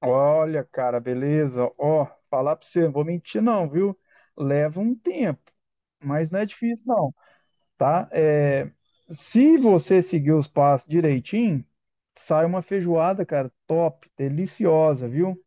Olha, cara, beleza? Ó, falar pra você, não vou mentir não, viu? Leva um tempo, mas não é difícil não, tá? É, se você seguir os passos direitinho, sai uma feijoada, cara, top, deliciosa, viu?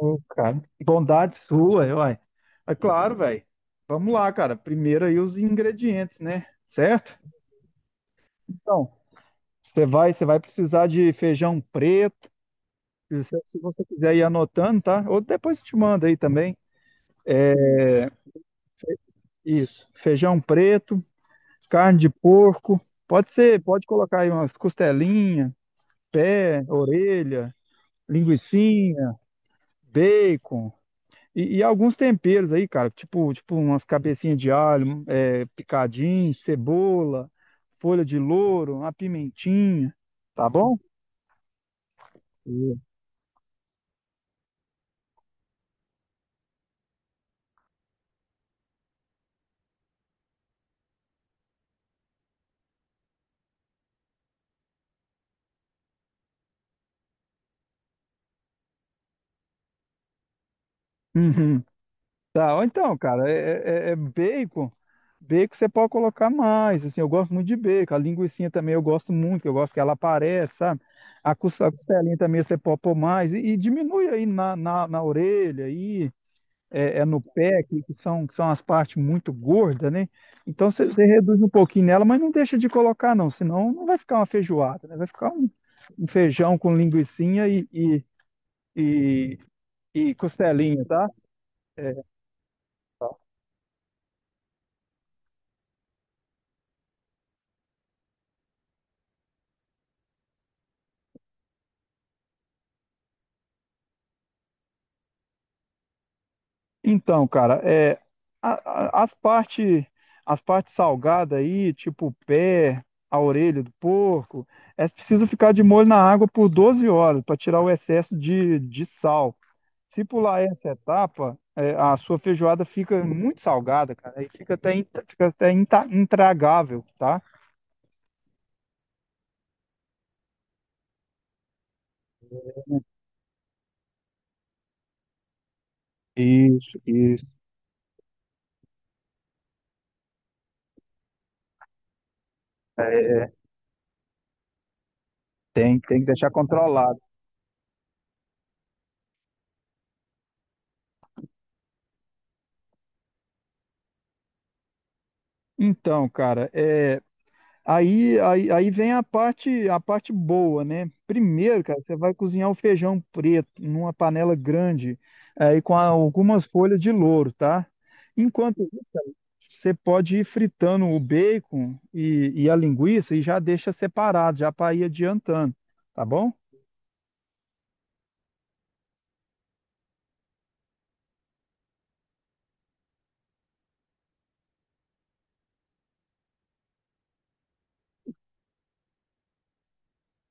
Ô, cara, bondade sua, uai. É claro, velho. Vamos lá, cara. Primeiro aí os ingredientes, né? Certo? Então, você vai precisar de feijão preto, se você quiser ir anotando, tá? Ou depois eu te mando aí também. Isso. Feijão preto, carne de porco. Pode ser, pode colocar aí umas costelinhas, pé, orelha, linguicinha, bacon. E alguns temperos aí, cara, tipo umas cabecinhas de alho, é, picadinho, cebola, folha de louro, uma pimentinha, tá bom? Uhum. Tá, ou então, cara, é bacon. Bacon você pode colocar mais, assim, eu gosto muito de bacon. A linguiça também eu gosto muito, que eu gosto que ela apareça, sabe? A costelinha também você pode pôr mais. E diminui aí na orelha, aí, é no pé, que são as partes muito gordas, né? Então você reduz um pouquinho nela, mas não deixa de colocar, não, senão não vai ficar uma feijoada, né? Vai ficar um, um feijão com linguiçinha e, e costelinha, tá? É. Então, cara, é, a- a- as partes as partes salgadas aí, tipo o pé, a orelha do porco, é preciso ficar de molho na água por 12 horas para tirar o excesso de sal. Se pular essa etapa, é, a sua feijoada fica muito salgada, cara, e fica até, intragável, tá? Isso, isso. Tem, tem que deixar controlado. Então, cara, é. Aí vem a parte boa, né? Primeiro, cara, você vai cozinhar o feijão preto numa panela grande, aí com algumas folhas de louro, tá? Enquanto isso, cara, você pode ir fritando o bacon e a linguiça e já deixa separado, já para ir adiantando, tá bom?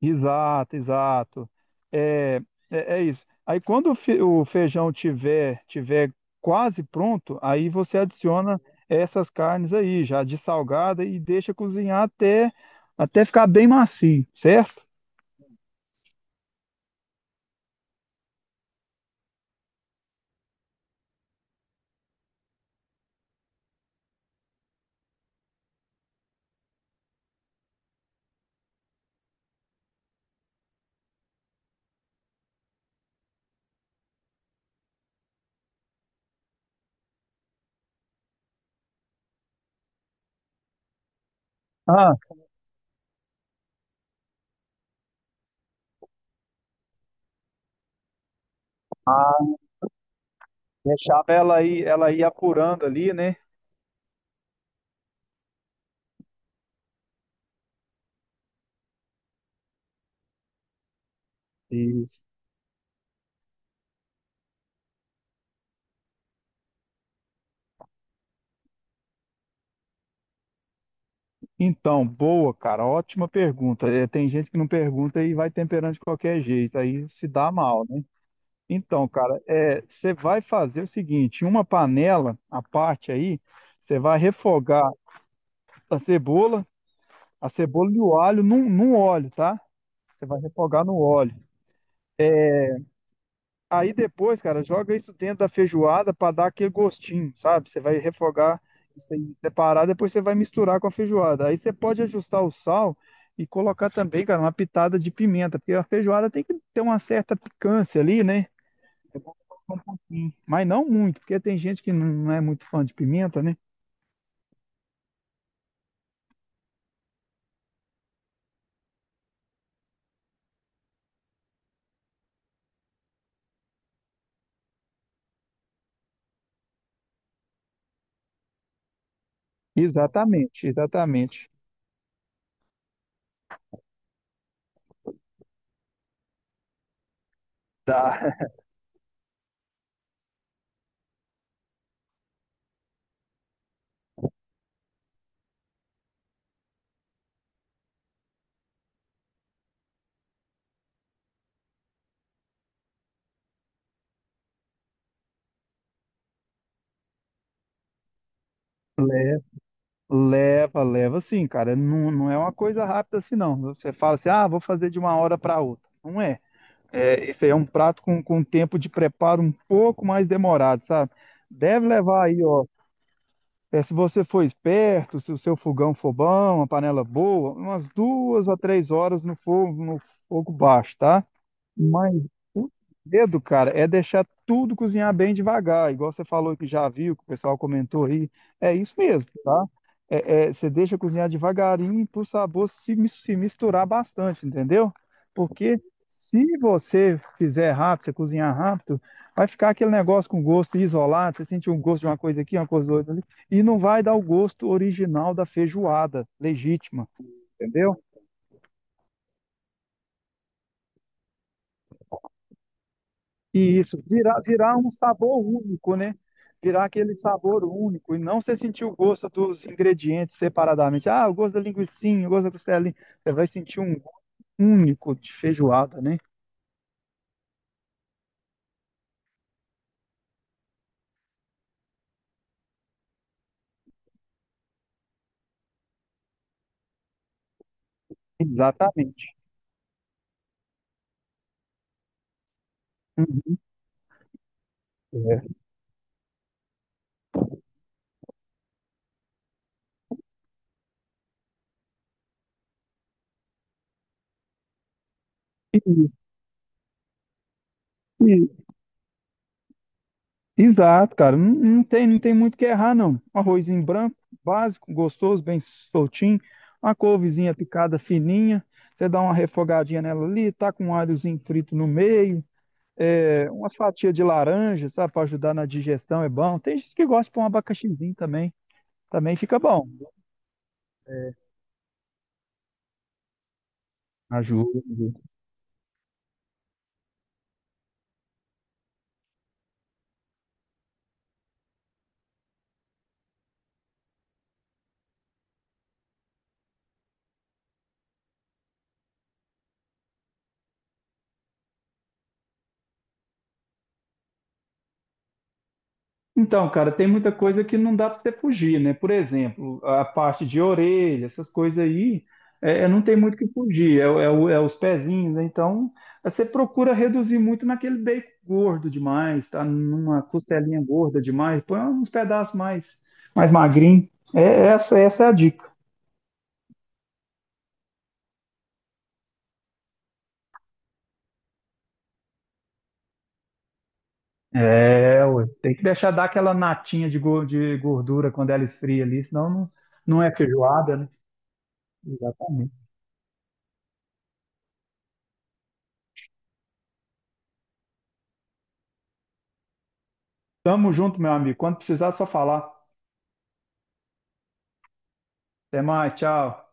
Exato, exato. É, é isso. Aí quando o feijão tiver quase pronto, aí você adiciona essas carnes aí, já de salgada e deixa cozinhar até ficar bem macio, certo? Ah, ah, deixava ela aí, ela ir apurando ali, né? Isso. Então, boa, cara, ótima pergunta. É, tem gente que não pergunta e vai temperando de qualquer jeito, aí se dá mal, né? Então, cara, é, você vai fazer o seguinte, em uma panela à parte aí, você vai refogar a cebola, a cebola e o alho num óleo, tá? Você vai refogar no óleo. Aí depois, cara, joga isso dentro da feijoada para dar aquele gostinho, sabe? Você vai refogar isso aí separado, depois você vai misturar com a feijoada. Aí você pode ajustar o sal e colocar também, cara, uma pitada de pimenta, porque a feijoada tem que ter uma certa picância ali, né? É bom colocar um pouquinho, mas não muito, porque tem gente que não é muito fã de pimenta, né? Exatamente, exatamente. Tá. Leva, leva sim, cara. Não, não é uma coisa rápida assim, não. Você fala assim, ah, vou fazer de uma hora para outra. Não é. É, isso aí é um prato com tempo de preparo um pouco mais demorado, sabe? Deve levar aí, ó. É, se você for esperto, se o seu fogão for bom, uma panela boa, umas 2 a 3 horas no fogo, no fogo baixo, tá? Mas o segredo, cara, é deixar tudo cozinhar bem devagar. Igual você falou que já viu, que o pessoal comentou aí. É isso mesmo, tá? É, é, você deixa cozinhar devagarinho para o sabor se misturar bastante, entendeu? Porque se você fizer rápido, você cozinhar rápido, vai ficar aquele negócio com gosto isolado. Você sente um gosto de uma coisa aqui, uma coisa outra ali, e não vai dar o gosto original da feijoada legítima, entendeu? E isso, virar um sabor único, né? Virar aquele sabor único e não você sentir o gosto dos ingredientes separadamente. Ah, o gosto da linguicinha, o gosto da costelinha. Você vai sentir um gosto único de feijoada, né? Exatamente. Uhum. É. Isso, e- Exato, cara. Não, não tem muito o que errar, não. Um arrozinho branco, básico, gostoso, bem soltinho. Uma couvezinha picada fininha. Você dá uma refogadinha nela ali, tá com um alhozinho frito no meio é, umas fatias de laranja, sabe, para ajudar na digestão é bom. Tem gente que gosta de pôr um abacaxizinho também, também fica bom. Ajuda. Então, cara, tem muita coisa que não dá para você fugir, né? Por exemplo, a parte de orelha, essas coisas aí, é, não tem muito o que fugir, é, é os pezinhos, né? Então, você procura reduzir muito naquele bacon gordo demais, tá? Numa costelinha gorda demais, põe uns pedaços mais, mais magrinho. É, essa é a dica. É, ué, tem que deixar dar aquela natinha de gordura quando ela esfria ali, senão não, não é feijoada, né? Exatamente. Tamo junto, meu amigo. Quando precisar, é só falar. Até mais, tchau.